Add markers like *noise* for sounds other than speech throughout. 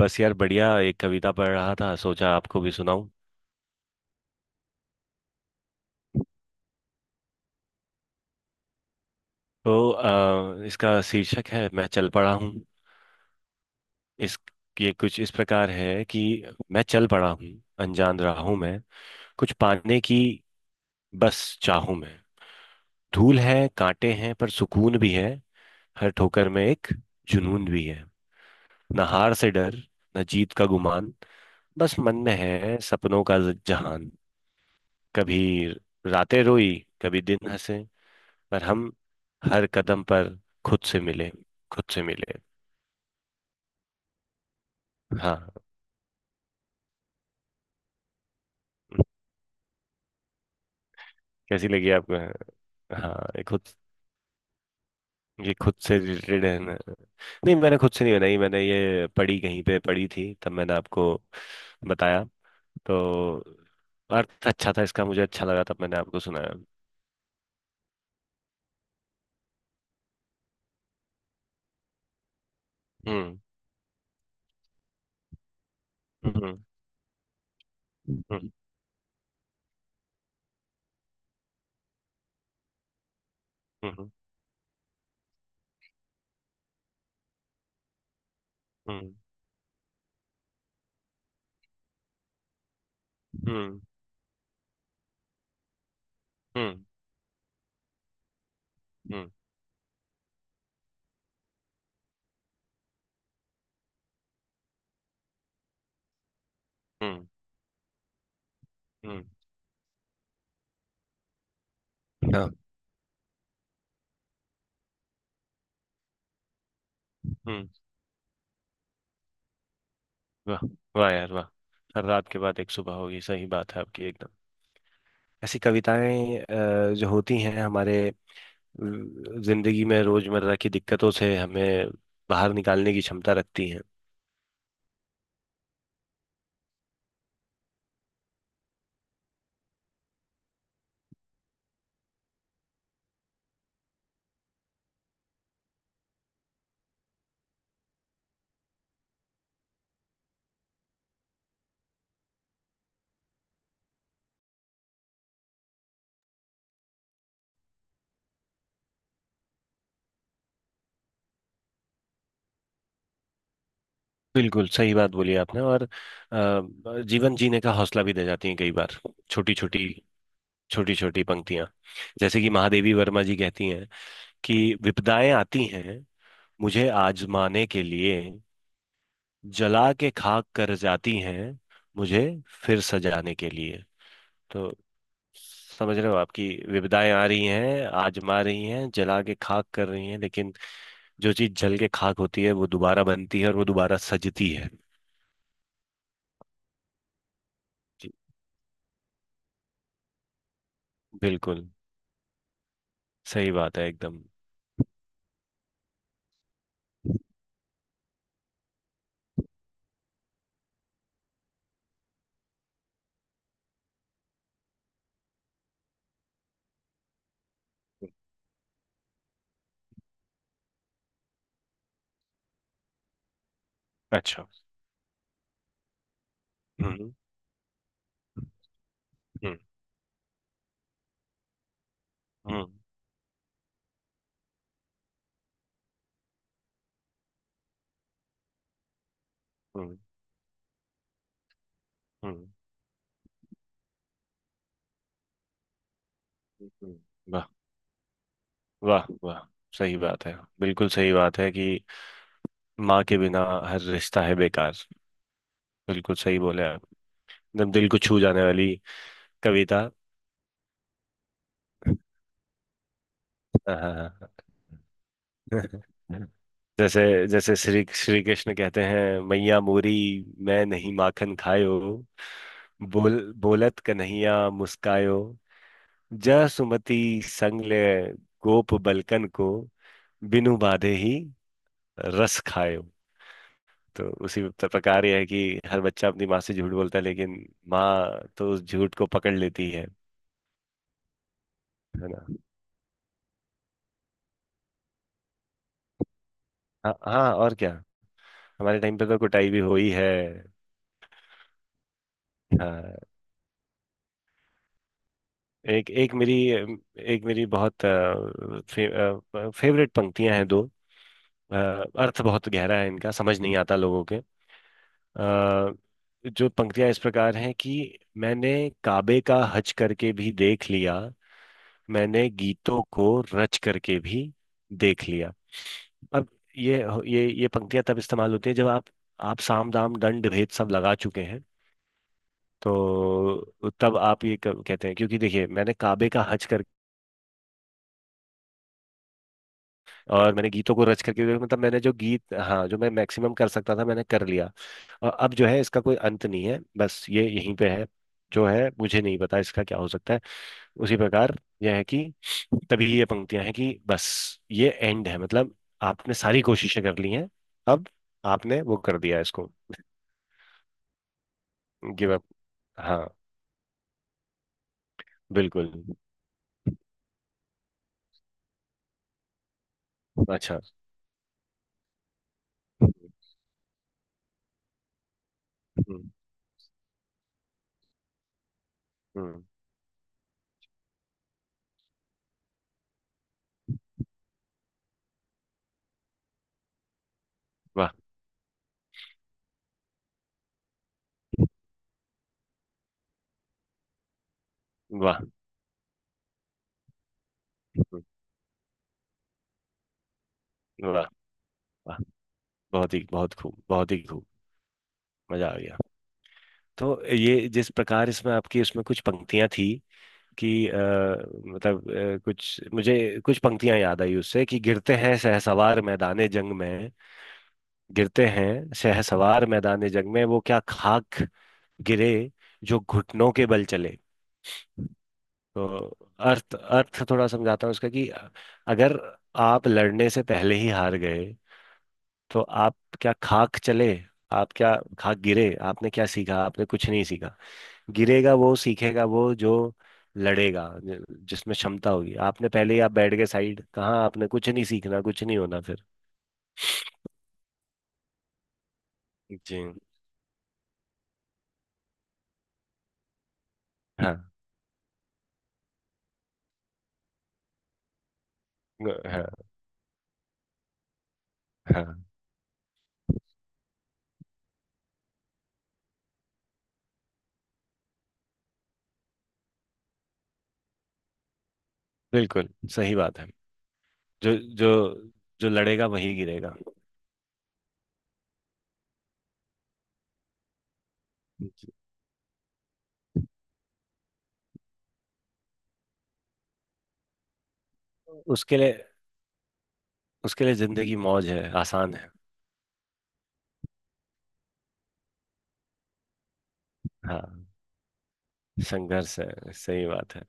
बस यार बढ़िया, एक कविता पढ़ रहा था, सोचा आपको भी सुनाऊं। तो इसका शीर्षक है मैं चल पड़ा हूँ। इस ये कुछ इस प्रकार है कि मैं चल पड़ा हूँ, अनजान राहों में कुछ पाने की बस चाहूं मैं। धूल है, कांटे हैं, पर सुकून भी है। हर ठोकर में एक जुनून भी है। न हार से डर, न जीत का गुमान। बस मन में है सपनों का जहान। कभी रातें रोई, कभी दिन हंसे, पर हम हर कदम पर खुद से मिले, खुद से मिले। हाँ। कैसी लगी आपको? हाँ, ये खुद से रिलेटेड है ना? नहीं, मैंने खुद से नहीं बनाई, मैंने ये पढ़ी, कहीं पे पढ़ी थी, तब मैंने आपको बताया। तो अर्थ अच्छा था इसका, मुझे अच्छा लगा, तब मैंने आपको सुनाया। हम्म। हम्म। हम्म। हम्म। हम्म। हम्म। हम्म। हम्म। हम्म। हम्म, हाँ। हम्म। वाह। वाह यार, वाह। हर रात के बाद एक सुबह होगी, सही बात है आपकी एकदम। ऐसी कविताएं जो होती हैं हमारे जिंदगी में, रोजमर्रा की दिक्कतों से हमें बाहर निकालने की क्षमता रखती हैं। बिल्कुल सही बात बोली आपने, और जीवन जीने का हौसला भी दे जाती हैं कई बार, छोटी छोटी, छोटी छोटी पंक्तियां। जैसे कि महादेवी वर्मा जी कहती हैं कि विपदाएं आती हैं मुझे आजमाने के लिए, जला के खाक कर जाती हैं मुझे फिर सजाने के लिए। तो समझ रहे हो आपकी विविधाएं आ रही हैं, आजमा रही हैं, जला के खाक कर रही हैं, लेकिन जो चीज जल के खाक होती है वो दोबारा बनती है और वो दोबारा सजती है। जी, बिल्कुल। सही बात है एकदम। अच्छा। हम्म। हम्म। हम्म। हम्म। हम्म। हम्म, वाह। वाह वाह, सही बात है, बिल्कुल सही बात है कि माँ के बिना हर रिश्ता है बेकार। बिल्कुल सही बोले आप। एकदम दिल को छू जाने वाली कविता। हाँ हाँ। हाँ *laughs* जैसे जैसे श्री श्री कृष्ण कहते हैं मैया मोरी, मैं नहीं माखन खायो, बोल बोलत कन्हैया मुस्कायो, जा सुमति संग ले गोप बलकन को, बिनु बाधे ही रस खायो। तो उसी प्रकार यह है कि हर बच्चा अपनी माँ से झूठ बोलता है, लेकिन माँ तो उस झूठ को पकड़ लेती है ना? हाँ हाँ, और क्या। हमारे टाइम पे तो कुटाई भी हुई है। हाँ। एक एक मेरी बहुत फेवरेट पंक्तियां हैं दो। अ, अर्थ बहुत गहरा है इनका, समझ नहीं आता लोगों के। अ, जो पंक्तियां इस प्रकार हैं कि मैंने काबे का हज करके भी देख लिया, मैंने गीतों को रच करके भी देख लिया। अब ये ये पंक्तियां तब इस्तेमाल होती है जब आप साम दाम दंड भेद सब लगा चुके हैं। तो तब आप ये कहते हैं, क्योंकि देखिए मैंने काबे का हज, और मैंने गीतों को रच करके, मतलब मैंने जो गीत, हाँ, जो मैं मैक्सिमम कर सकता था मैंने कर लिया। और अब जो है इसका कोई अंत नहीं है, बस ये यहीं पे है, जो है मुझे नहीं पता इसका क्या हो सकता है। उसी प्रकार यह है कि तभी ये पंक्तियां हैं कि बस ये एंड है, मतलब आपने सारी कोशिशें कर ली हैं। अब आपने वो कर दिया इसको। Give up. हाँ। बिल्कुल। अच्छा। हम्म, हम्म, वाह। वाह। हम्म, वाह। वाह बहुत ही, बहुत खूब, बहुत ही खूब। मजा आ गया। तो ये जिस प्रकार इसमें आपकी उसमें कुछ पंक्तियां थी कि कुछ पंक्तियां याद आई उससे कि गिरते हैं शहसवार मैदाने जंग में, गिरते हैं शहसवार मैदाने जंग में, वो क्या खाक गिरे जो घुटनों के बल चले। तो अर्थ अर्थ थोड़ा समझाता हूँ उसका कि अगर आप लड़ने से पहले ही हार गए, तो आप क्या खाक चले, आप क्या खाक गिरे, आपने क्या सीखा, आपने कुछ नहीं सीखा। गिरेगा वो, सीखेगा वो जो लड़ेगा, जिसमें क्षमता होगी। आपने पहले ही आप बैठ गए साइड, कहाँ आपने कुछ नहीं सीखना, कुछ नहीं होना फिर। जी। हाँ। हाँ। हाँ, बिल्कुल। सही बात है, जो जो जो लड़ेगा वही गिरेगा। उसके लिए उसके लिए जिंदगी मौज है, आसान है। हाँ, संघर्ष है, सही बात है।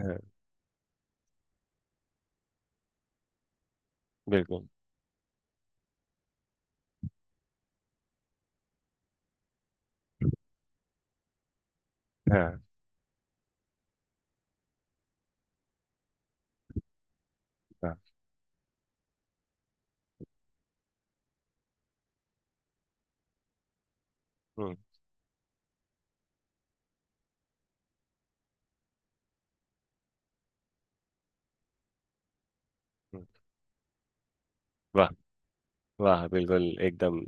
हाँ, बिल्कुल। हाँ हाँ। हम्म। हम्म, वाह। वाह, बिल्कुल, एकदम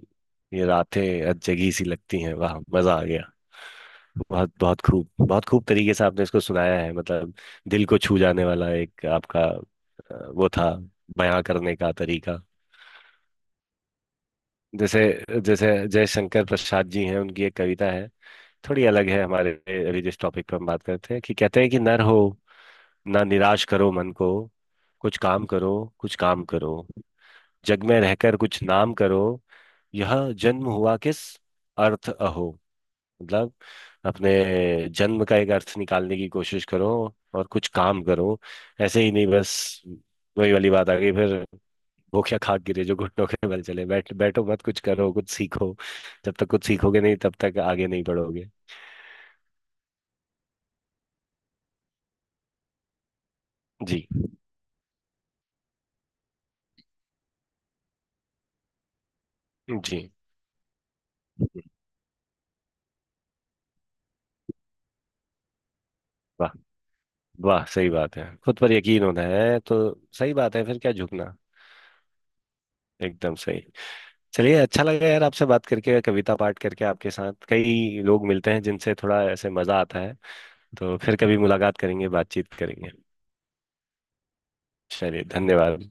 ये रातें अजगी सी लगती हैं, वाह, मजा आ गया। बहुत बहुत खूब, बहुत खूब तरीके से आपने इसको सुनाया है, मतलब दिल को छू जाने वाला एक आपका वो था बयां करने का तरीका। जैसे जैसे जयशंकर प्रसाद जी हैं, उनकी एक कविता है, थोड़ी अलग है हमारे अभी जिस टॉपिक पर हम बात करते हैं, कि कहते हैं कि नर हो, ना निराश करो मन को, कुछ काम करो, कुछ काम करो, जग में रहकर कुछ नाम करो, यह जन्म हुआ किस अर्थ अहो। मतलब अपने जन्म का एक अर्थ निकालने की कोशिश करो, और कुछ काम करो, ऐसे ही नहीं बस। वही वाली बात आ गई फिर, भूखे खाक गिरे जो घुटनों के बल चले। बैठो मत, कुछ करो, कुछ सीखो। जब तक कुछ सीखोगे नहीं तब तक आगे नहीं बढ़ोगे। जी, जी। वाह। वाह, सही बात है, खुद पर यकीन होना है तो सही बात है, फिर क्या झुकना। एकदम सही। चलिए, अच्छा लगा यार आपसे बात करके, कविता पाठ करके, आपके साथ कई लोग मिलते हैं जिनसे थोड़ा ऐसे मजा आता है। तो फिर कभी मुलाकात करेंगे, बातचीत करेंगे। चलिए, धन्यवाद।